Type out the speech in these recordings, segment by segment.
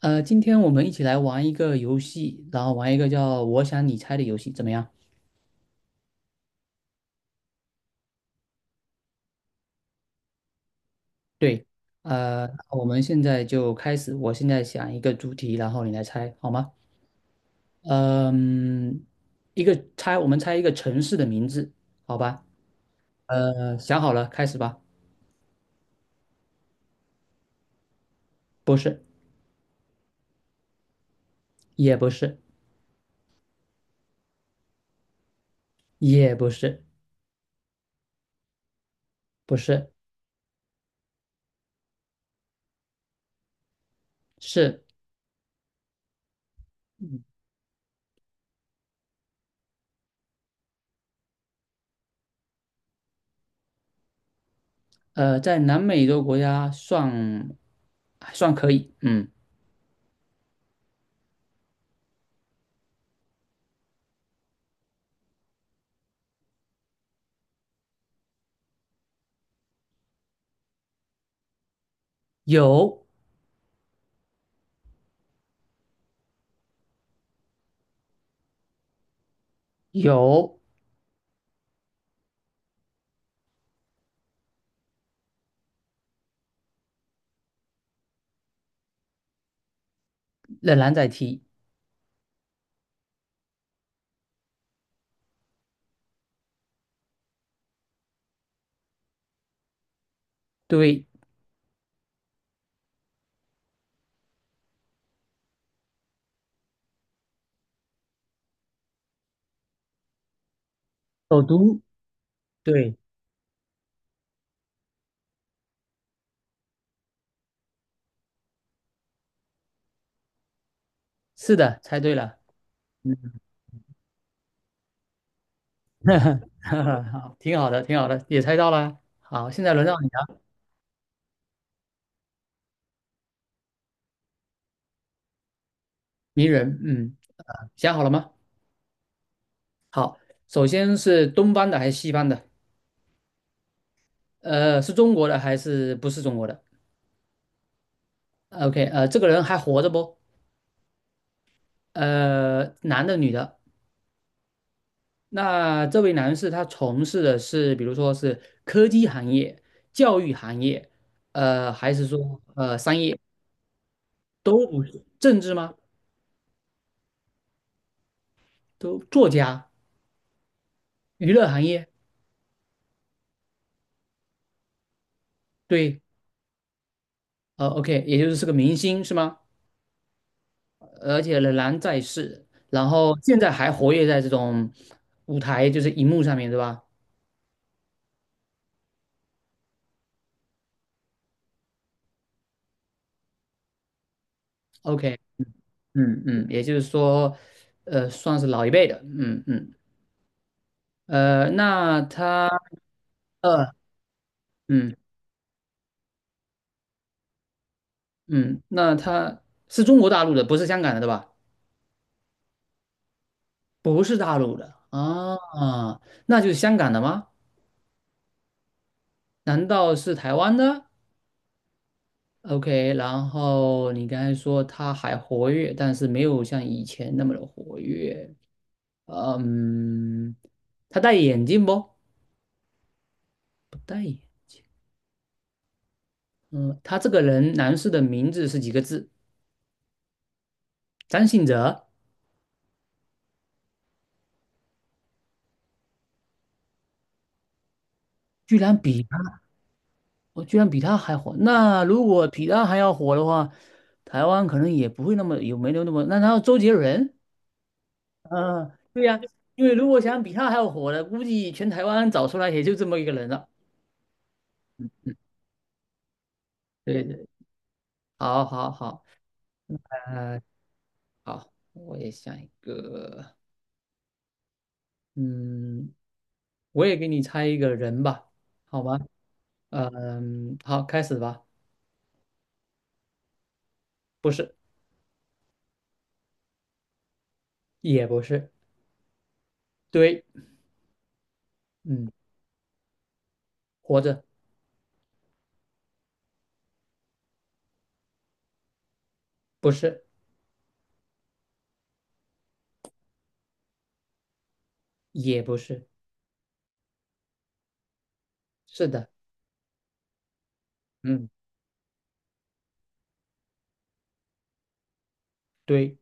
今天我们一起来玩一个游戏，然后玩一个叫“我想你猜”的游戏，怎么样？对，我们现在就开始。我现在想一个主题，然后你来猜，好吗？嗯，一个猜，我们猜一个城市的名字，好吧？想好了，开始吧。不是，也不是，也不是，不是，是在南美洲国家算还算可以，嗯，有有，仍然在踢，对。首都，对，是的，猜对了，嗯，好，挺好的，挺好的，也猜到了。好，现在轮到你了，名人，嗯，想好了吗？首先是东方的还是西方的？是中国的还是不是中国的？OK,这个人还活着不？男的女的？那这位男士他从事的是，比如说是科技行业、教育行业，还是说商业都不是？政治吗？都作家、娱乐行业？对，呃，OK,也就是是个明星是吗？而且仍然在世，然后现在还活跃在这种舞台，就是荧幕上面，对吧？OK,嗯嗯，也就是说，算是老一辈的，嗯嗯，呃，那他，呃，嗯嗯，那他是中国大陆的，不是香港的，对吧？不是大陆的啊，那就是香港的吗？难道是台湾的？OK,然后你刚才说他还活跃，但是没有像以前那么的活跃。嗯，他戴眼镜不？不戴眼。嗯，他这个人，男士的名字是几个字？张信哲，居然比他，我居然比他还火。那如果比他还要火的话，台湾可能也不会那么有没有那么。那然后周杰伦，嗯，对呀、因为如果想比他还要火的，估计全台湾找出来也就这么一个人了。嗯，对对，好好好。呃好，我也想一个，嗯，我也给你猜一个人吧，好吗？嗯，好，开始吧。不是，也不是，对，嗯，活着，不是，也不是，是的，嗯，对，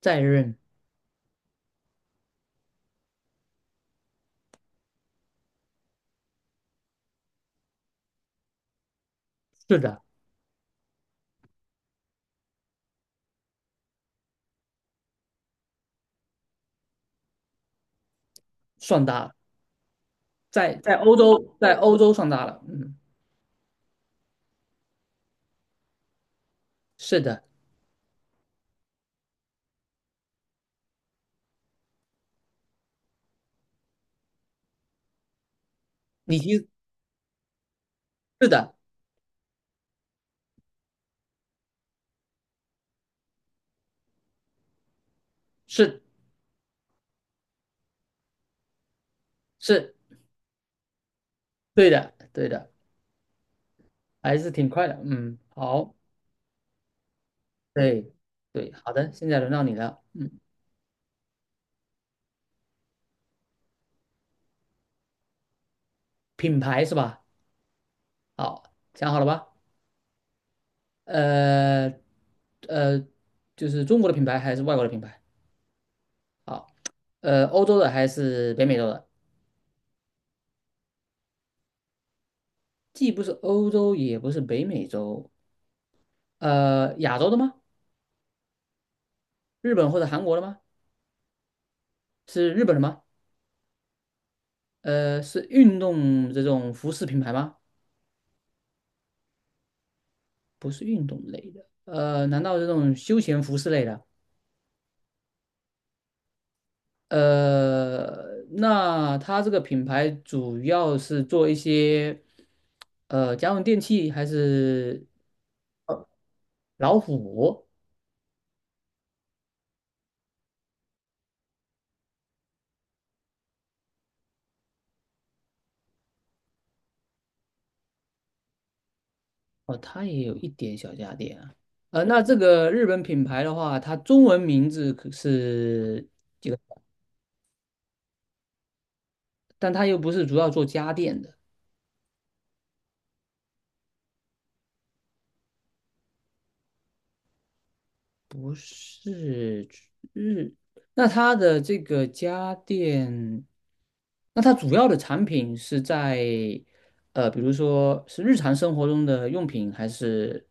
在任，是的，算大了，在欧洲，在欧洲算大了，嗯，是的，你其实是的，是是，对的，对的，还是挺快的，嗯，好，对对，好的，现在轮到你了，嗯，品牌是吧？好，想好了吧？呃，呃，就是中国的品牌还是外国的品牌？好，欧洲的还是北美洲的？既不是欧洲，也不是北美洲，亚洲的吗？日本或者韩国的吗？是日本的吗？是运动这种服饰品牌吗？不是运动类的，难道这种休闲服饰类的？那它这个品牌主要是做一些，家用电器还是？老虎哦，它也有一点小家电啊。那这个日本品牌的话，它中文名字可是这个，但它又不是主要做家电的，不是日。那它的这个家电，那它主要的产品是在比如说是日常生活中的用品，还是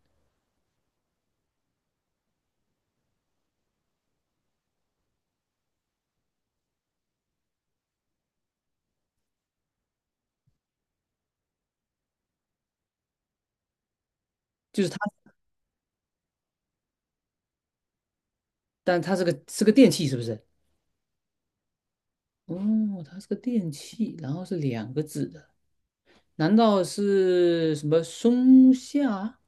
就是它，但它是个是个电器，是不是？哦，它是个电器，然后是两个字的。难道是什么松下、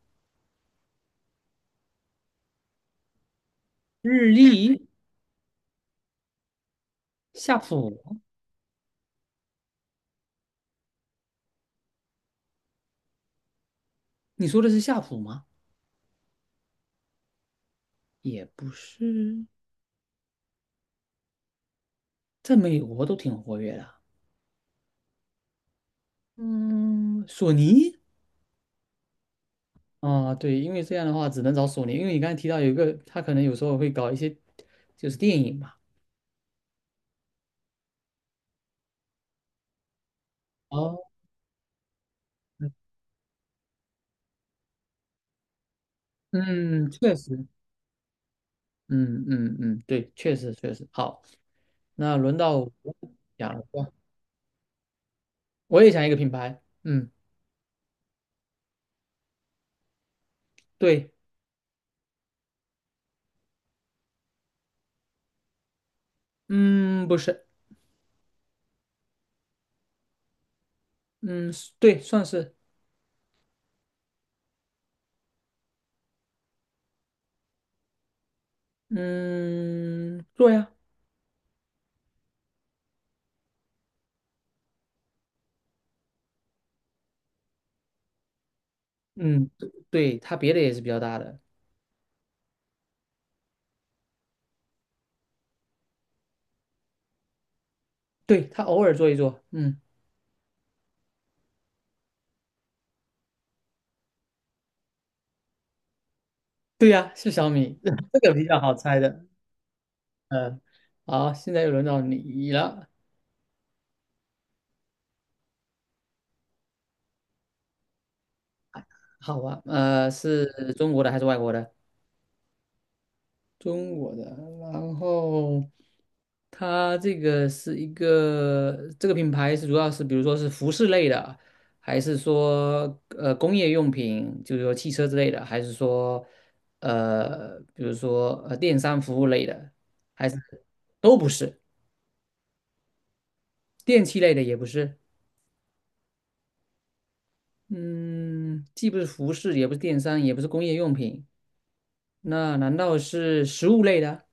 日立、夏普？你说的是夏普吗？也不是，在美国都挺活跃的。嗯，索尼啊，对，因为这样的话只能找索尼，因为你刚才提到有一个，他可能有时候会搞一些就是电影嘛。哦，嗯，确实，嗯嗯嗯，对，确实确实。好，那轮到我讲了，我也想一个品牌。嗯，对，嗯，不是，嗯，对，算是。嗯，做呀，嗯，对，对它别的也是比较大的，对，它偶尔做一做，嗯，对呀，是小米，这个比较好猜的，嗯，好，现在又轮到你了，好吧，是中国的还是外国的？中国的，然后它这个是一个这个品牌是主要是比如说是服饰类的，还是说工业用品，就是说汽车之类的，还是说比如说电商服务类的，还是都不是，电器类的也不是，嗯，既不是服饰，也不是电商，也不是工业用品，那难道是食物类的？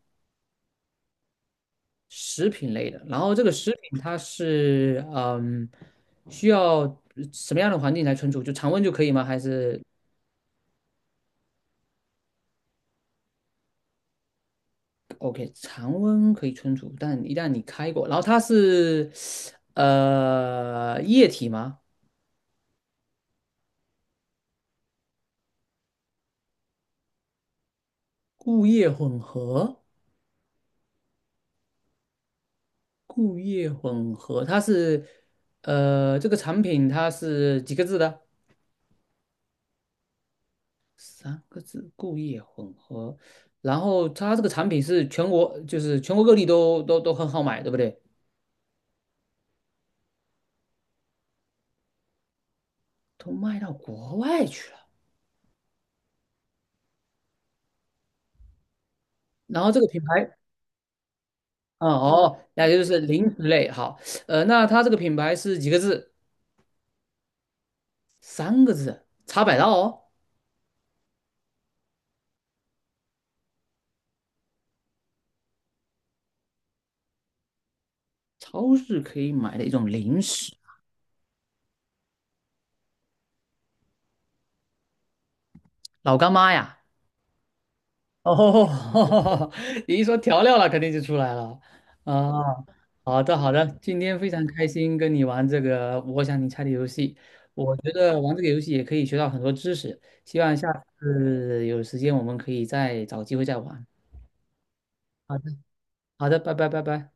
食品类的。然后这个食品它是嗯，需要什么样的环境来存储？就常温就可以吗？还是 OK,常温可以存储，但一旦你开过，然后它是液体吗？固液混合，固液混合，它是这个产品它是几个字的？三个字，固液混合。然后它这个产品是全国，就是全国各地都很好买，对不对？都卖到国外去了。然后这个品牌，哦哦，那就是零食类。好，那它这个品牌是几个字？三个字，茶百道哦，超市可以买的一种零食，老干妈呀。哦，你一说调料了，肯定就出来了。啊，好的好的，今天非常开心跟你玩这个我想你猜的游戏。我觉得玩这个游戏也可以学到很多知识，希望下次有时间我们可以再找机会再玩。好的，拜拜，拜拜。